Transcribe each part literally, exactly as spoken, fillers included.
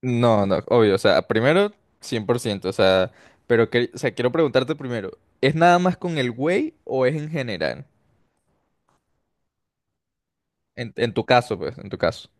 No, no, obvio, o sea, primero cien por ciento. O sea, pero que, o sea, quiero preguntarte primero, ¿es nada más con el güey o es en general? En, en tu caso, pues, en tu caso.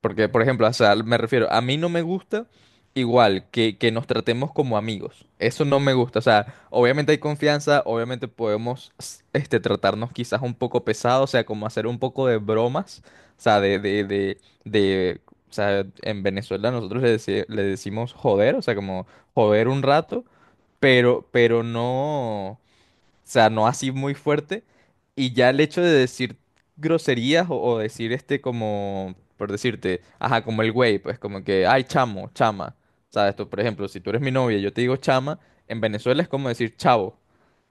Porque, por ejemplo, o sea, me refiero, a mí no me gusta igual que, que nos tratemos como amigos. Eso no me gusta. O sea, obviamente hay confianza, obviamente podemos s- este, tratarnos quizás un poco pesado, o sea, como hacer un poco de bromas. O sea, de, de, de, de- o sea, en Venezuela nosotros le, deci- le decimos joder, o sea, como joder un rato, pero, pero no. O sea, no así muy fuerte. Y ya el hecho de decir groserías o, o decir este como, por decirte, ajá, como el güey, pues como que, ay, chamo, chama. ¿Sabes? Tú, por ejemplo, si tú eres mi novia y yo te digo chama, en Venezuela es como decir chavo.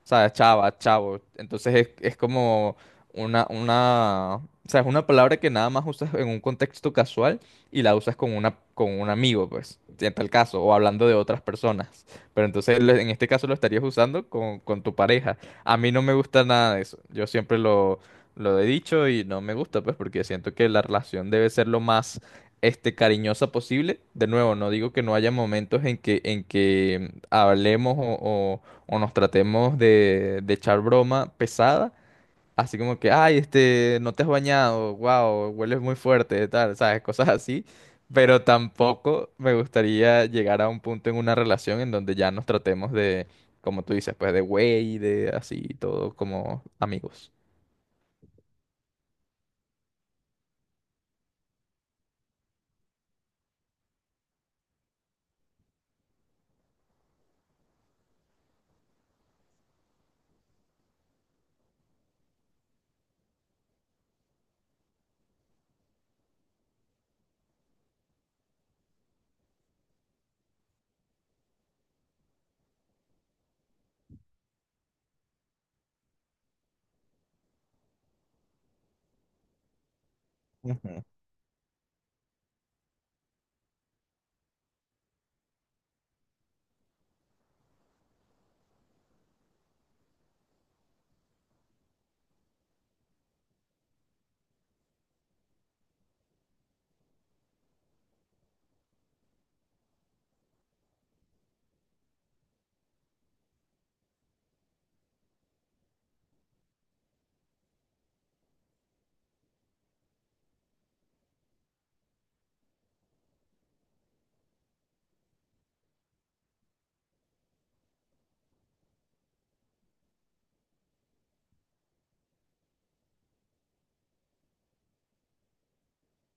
¿Sabes? Chava, chavo. Entonces es, es como una, una, o sea, es una palabra que nada más usas en un contexto casual y la usas con una, con un amigo, pues, en tal caso, o hablando de otras personas. Pero entonces lo- en este caso lo estarías usando con, con tu pareja. A mí no me gusta nada de eso. Yo siempre lo, lo he dicho y no me gusta, pues, porque siento que la relación debe ser lo más, este, cariñosa posible. De nuevo, no digo que no haya momentos en que, en que hablemos o, o- o nos tratemos de, de echar broma pesada. Así como que, ay, este, no te has bañado, wow, hueles muy fuerte, tal, sabes, cosas así. Pero tampoco me gustaría llegar a un punto en una relación en donde ya nos tratemos de, como tú dices, pues de güey, de así, todo como amigos. Ujú.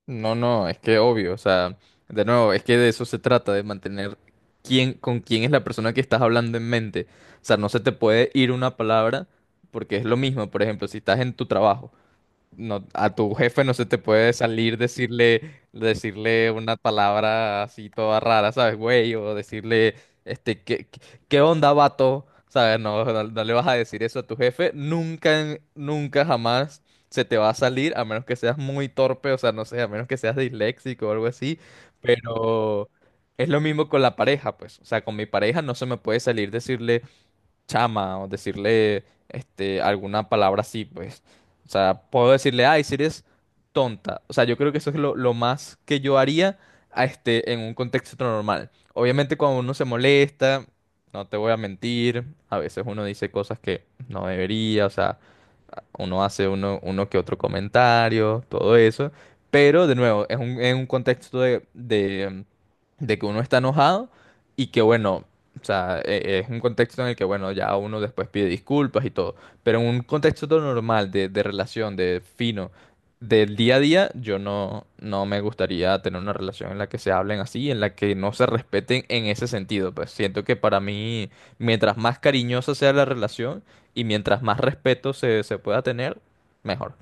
No, no, es que obvio, o sea, de nuevo, es que de eso se trata, de mantener quién, con quién es la persona que estás hablando en mente. O sea, no se te puede ir una palabra porque es lo mismo, por ejemplo, si estás en tu trabajo. No, a tu jefe no se te puede salir decirle, decirle una palabra así toda rara, ¿sabes, güey? O decirle, este, ¿qué, qué qué onda, vato? ¿Sabes? No, no, no le vas a decir eso a tu jefe. Nunca, en- nunca jamás se te va a salir, a menos que seas muy torpe, o sea, no sé, a menos que seas disléxico o algo así. Pero es lo mismo con la pareja, pues. O sea, con mi pareja no se me puede salir decirle chama o decirle este, alguna palabra así, pues. O sea, puedo decirle, ay, si eres tonta. O sea, yo creo que eso es lo, lo más que yo haría a este, en un contexto normal. Obviamente cuando uno se molesta, no te voy a mentir, a veces uno dice cosas que no debería, o sea, uno hace uno, uno que otro comentario, todo eso, pero de nuevo, es un, es un contexto de, de, de que uno está enojado y que bueno, o sea, e- es un contexto en el que bueno, ya uno después pide disculpas y todo, pero en un contexto todo normal de, de relación, de fino, del día a día, yo no, no me gustaría tener una relación en la que se hablen así, en la que no se respeten en ese sentido, pues siento que para mí, mientras más cariñosa sea la relación, y mientras más respeto se, se pueda tener, mejor.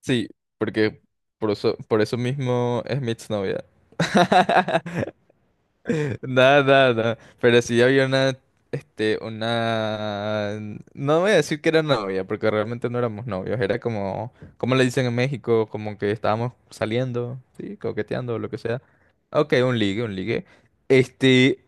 Sí, porque por eso, por eso mismo es mi exnovia. Nada, nada, nada. Pero sí había una, este, una... No voy a decir que era novia, porque realmente no éramos novios. Era como, como le dicen en México, como que estábamos saliendo, sí, coqueteando, lo que sea. Ok, un ligue, un ligue. Este,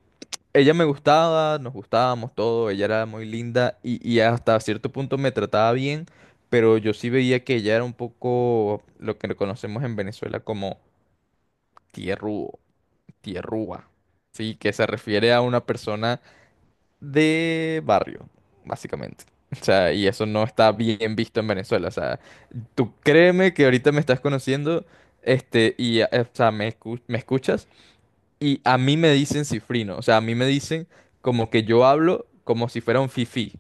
ella me gustaba, nos gustábamos todo, ella era muy linda y, y hasta cierto punto me trataba bien, pero yo sí veía que ella era un poco lo que conocemos en Venezuela como tierrúo, tierrúa, sí, que se refiere a una persona de barrio, básicamente. O sea, y eso no está bien visto en Venezuela, o sea, tú créeme que ahorita me estás conociendo, este, y, eh, o sea, me escu- me escuchas. Y a mí me dicen cifrino, o sea, a mí me dicen como que yo hablo como si fuera un fifí,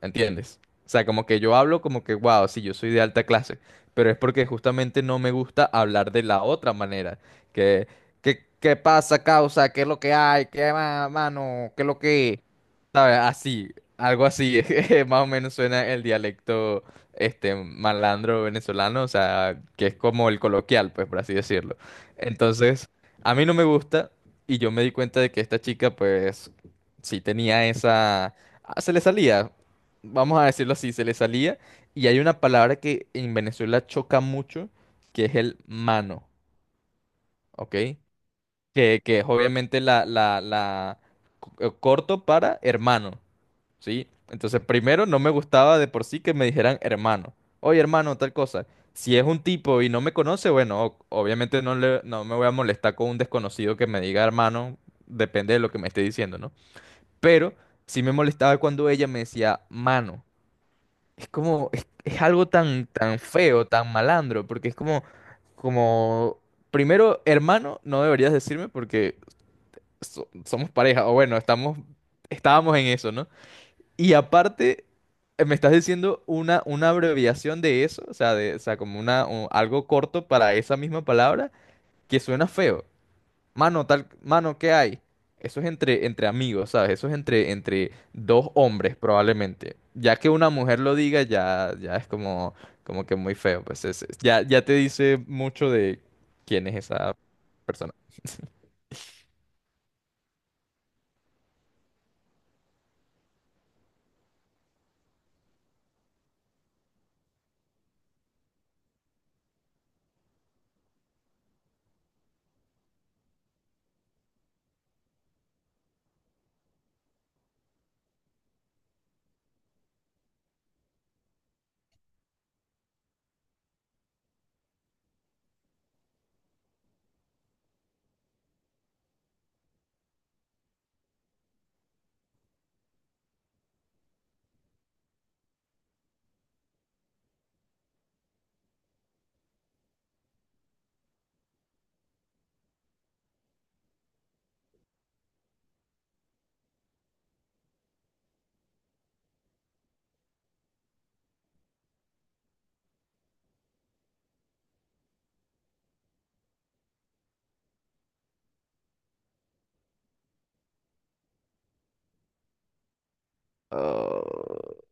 ¿entiendes? O sea, como que yo hablo como que, wow, sí, yo soy de alta clase, pero es porque justamente no me gusta hablar de la otra manera, que, que, ¿qué pasa, causa? ¿Qué es lo que hay? ¿Qué más, mano? ¿Qué es lo que... ¿Sabes? Así, algo así, más o menos suena el dialecto, este, malandro venezolano, o sea, que es como el coloquial, pues, por así decirlo. Entonces... a mí no me gusta, y yo me di cuenta de que esta chica, pues, sí tenía esa... Ah, se le salía, vamos a decirlo así, se le salía. Y hay una palabra que en Venezuela choca mucho, que es el mano, ¿ok? Que, que es obviamente la, la, la co- eh, corto para hermano. ¿Sí? Entonces, primero, no me gustaba de por sí que me dijeran hermano. Oye, hermano, tal cosa. Si es un tipo y no me conoce, bueno, o- obviamente no le, no me voy a molestar con un desconocido que me diga hermano, depende de lo que me esté diciendo, ¿no? Pero sí me molestaba cuando ella me decía mano. Es como, es, es algo tan, tan feo, tan malandro, porque es como, como, primero, hermano, no deberías decirme porque so- somos pareja, o bueno, estamos, estábamos en eso, ¿no? Y aparte, eh, me estás diciendo una, una abreviación de eso, o sea, de, o sea, como una, un- algo corto para esa misma palabra, que suena feo. Mano, tal, mano, ¿qué hay? Eso es entre, entre amigos, ¿sabes? Eso es entre, entre dos hombres, probablemente. Ya que una mujer lo diga, ya, ya es como, como que muy feo. Pues es- es- ya, ya te dice mucho de quién es esa persona.